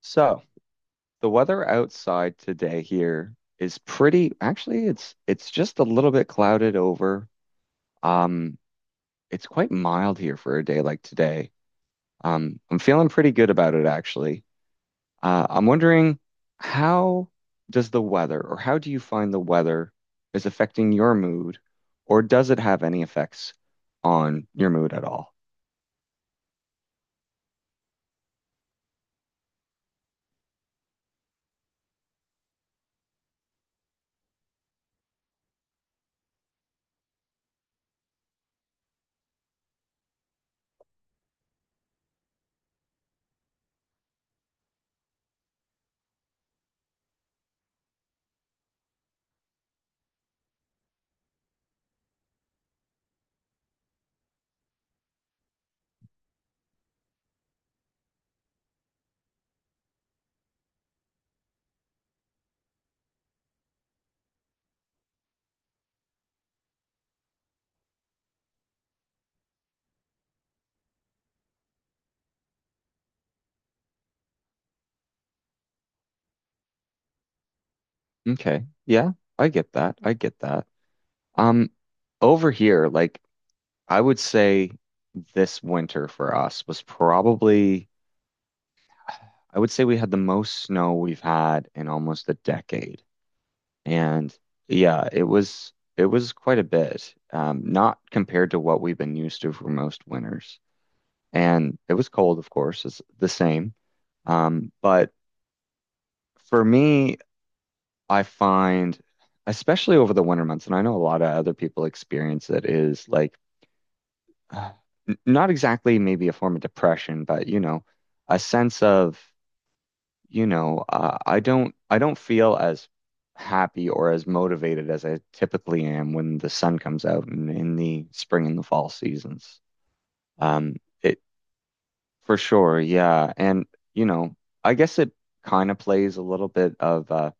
So the weather outside today here is pretty, actually it's just a little bit clouded over. Um, it's quite mild here for a day like today. I'm feeling pretty good about it actually. I'm wondering how does the weather or how do you find the weather is affecting your mood or does it have any effects on your mood at all? Okay. Yeah, I get that. I get that. Um, Over here, like I would say this winter for us was probably, I would say we had the most snow we've had in almost a decade. And yeah, it was quite a bit. Not compared to what we've been used to for most winters. And it was cold, of course, it's the same. But for me, I find, especially over the winter months, and I know a lot of other people experience it, is like uh, not exactly maybe a form of depression, but you know, a sense of, you know, I don't feel as happy or as motivated as I typically am when the sun comes out in the spring and the fall seasons. Um, it for sure, yeah, and you know, I guess it kind of plays a little bit of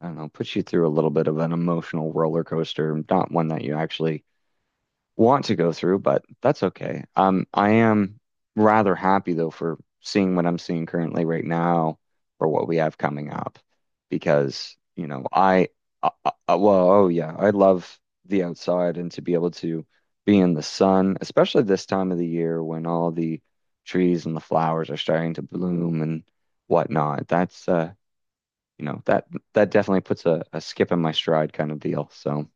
I don't know, puts you through a little bit of an emotional roller coaster, not one that you actually want to go through, but that's okay. I am rather happy though for seeing what I'm seeing currently right now or what we have coming up because, I, I well, oh yeah, I love the outside and to be able to be in the sun, especially this time of the year when all the trees and the flowers are starting to bloom and whatnot. That's you know, that that definitely puts a skip in my stride kind of deal. So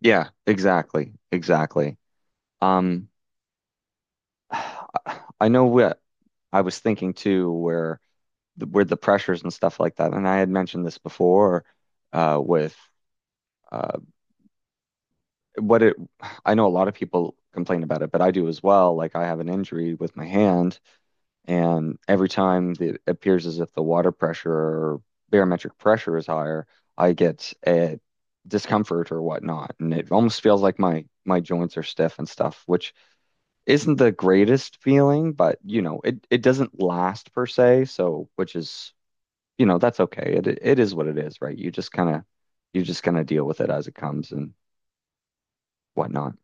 yeah, exactly, exactly. Um, I know what I was thinking too, where the, with the pressures and stuff like that, and I had mentioned this before with uh, what it. I know a lot of people complain about it, but I do as well. Like I have an injury with my hand, and every time it appears as if the water pressure or barometric pressure is higher, I get a discomfort or whatnot, and it almost feels like my joints are stiff and stuff, which isn't the greatest feeling, but you know, it doesn't last per se, so which is, you know, that's okay. It is what it is, right? You just kind of you just kind of deal with it as it comes and whatnot.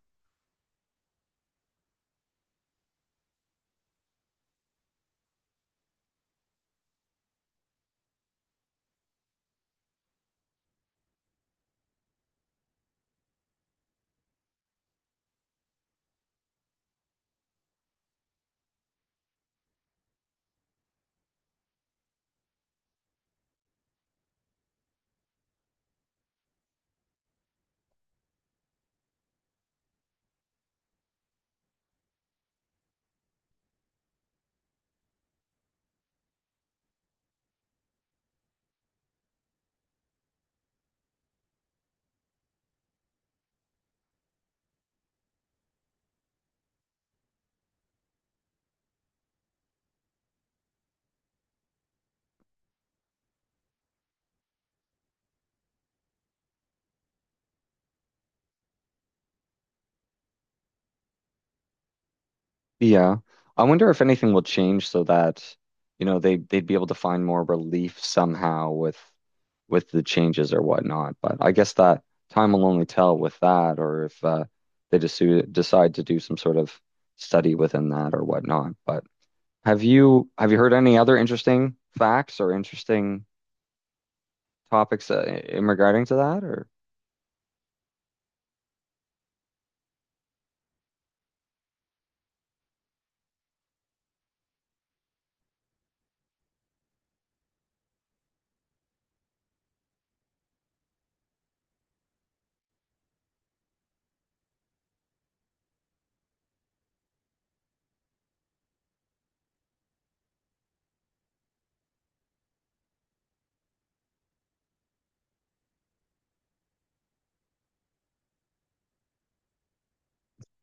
Yeah. I wonder if anything will change so that, you know, they'd be able to find more relief somehow with the changes or whatnot. But I guess that time will only tell with that or if they just decide to do some sort of study within that or whatnot. But have you heard any other interesting facts or interesting topics in regarding to that? Or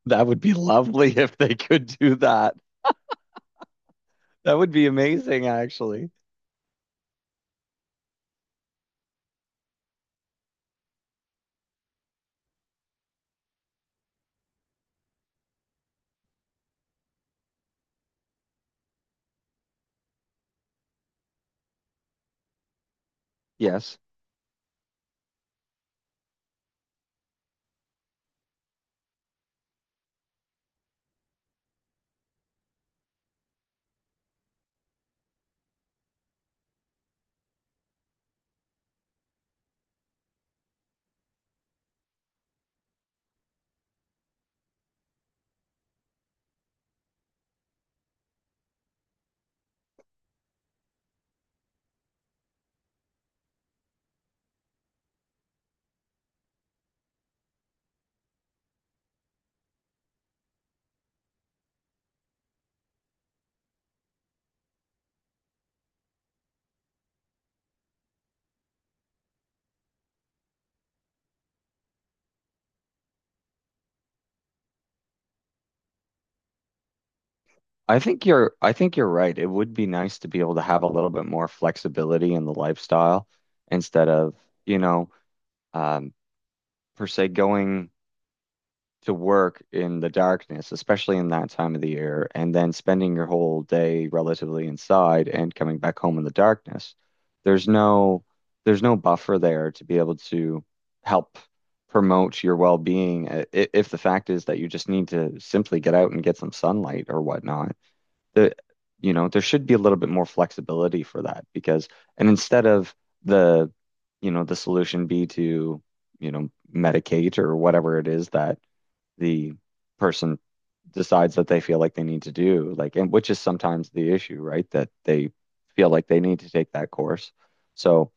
that would be lovely if they could do that. That would be amazing, actually. Yes. I think you're right. It would be nice to be able to have a little bit more flexibility in the lifestyle instead of, you know, um, per se going to work in the darkness, especially in that time of the year, and then spending your whole day relatively inside and coming back home in the darkness. There's no there's no buffer there to be able to help promote your well-being if the fact is that you just need to simply get out and get some sunlight or whatnot. The you know, there should be a little bit more flexibility for that because and instead of the you know, the solution be to, you know, medicate or whatever it is that the person decides that they feel like they need to do, like, and which is sometimes the issue, right? That they feel like they need to take that course. So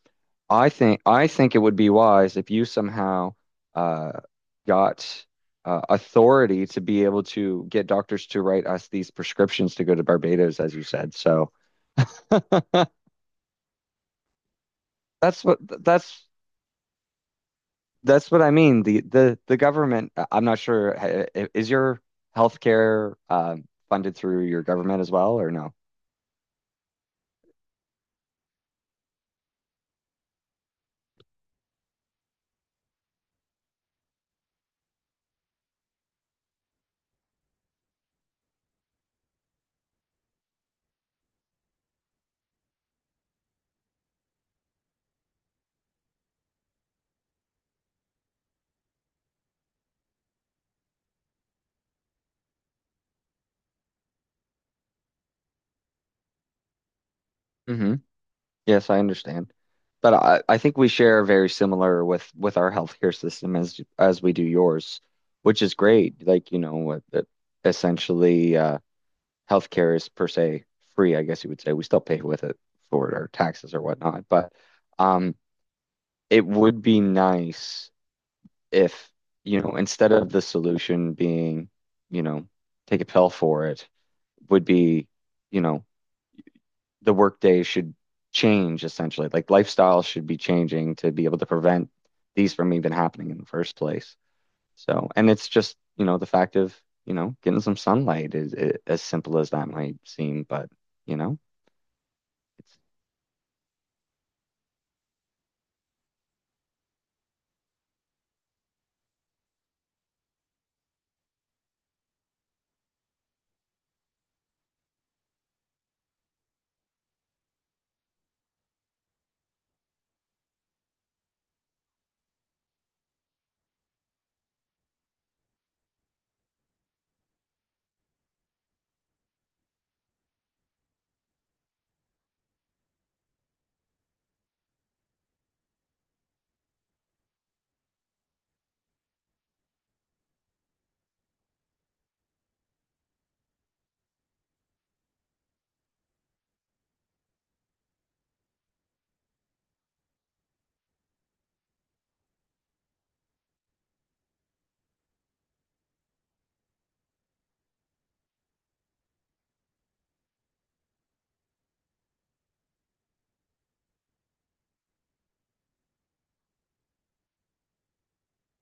I think it would be wise if you somehow uh, got authority to be able to get doctors to write us these prescriptions to go to Barbados, as you said. So that's what that's that's what I mean. The government. I'm not sure. Is your healthcare funded through your government as well, or no? Hmm. Yes, I understand. But I think we share very similar with our healthcare system as we do yours, which is great. Like, you know, what that essentially healthcare is per se free, I guess you would say. We still pay with it for our taxes or whatnot. But um it would be nice if, you know, instead of the solution being, you know, take a pill for it, would be, you know, the workday should change essentially. Like lifestyle should be changing to be able to prevent these from even happening in the first place. So, and it's just, you know, the fact of, you know, getting some sunlight is, I as simple as that might seem, but you know, it's,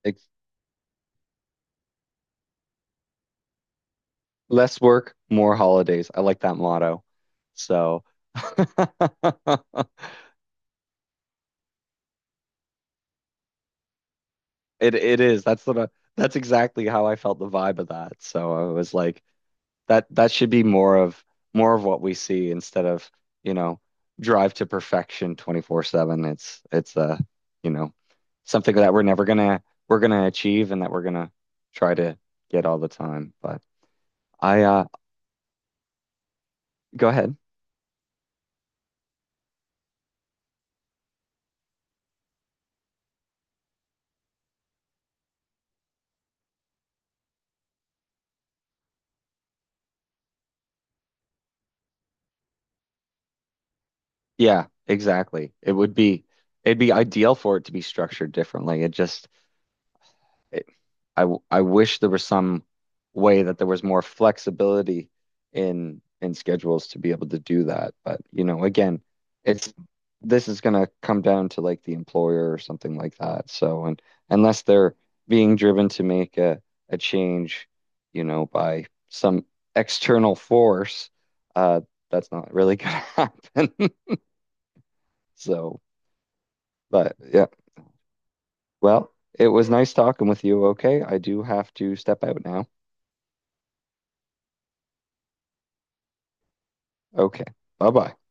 it's less work, more holidays. I like that motto. So it is. That's the that's exactly how I felt the vibe of that. So I was like, that that should be more of what we see instead of, you know, drive to perfection 24/7. It's you know, something that we're never gonna we're gonna achieve and that we're gonna try to get all the time. But I go ahead. Yeah, exactly. It'd be ideal for it to be structured differently. It just I I wish there was some way that there was more flexibility in schedules to be able to do that. But you know, again, it's this is gonna come down to like the employer or something like that. So, and unless they're being driven to make a change, you know, by some external force, uh, that's not really gonna happen. So, but yeah, well, it was nice talking with you. Okay, I do have to step out now. Okay, bye bye.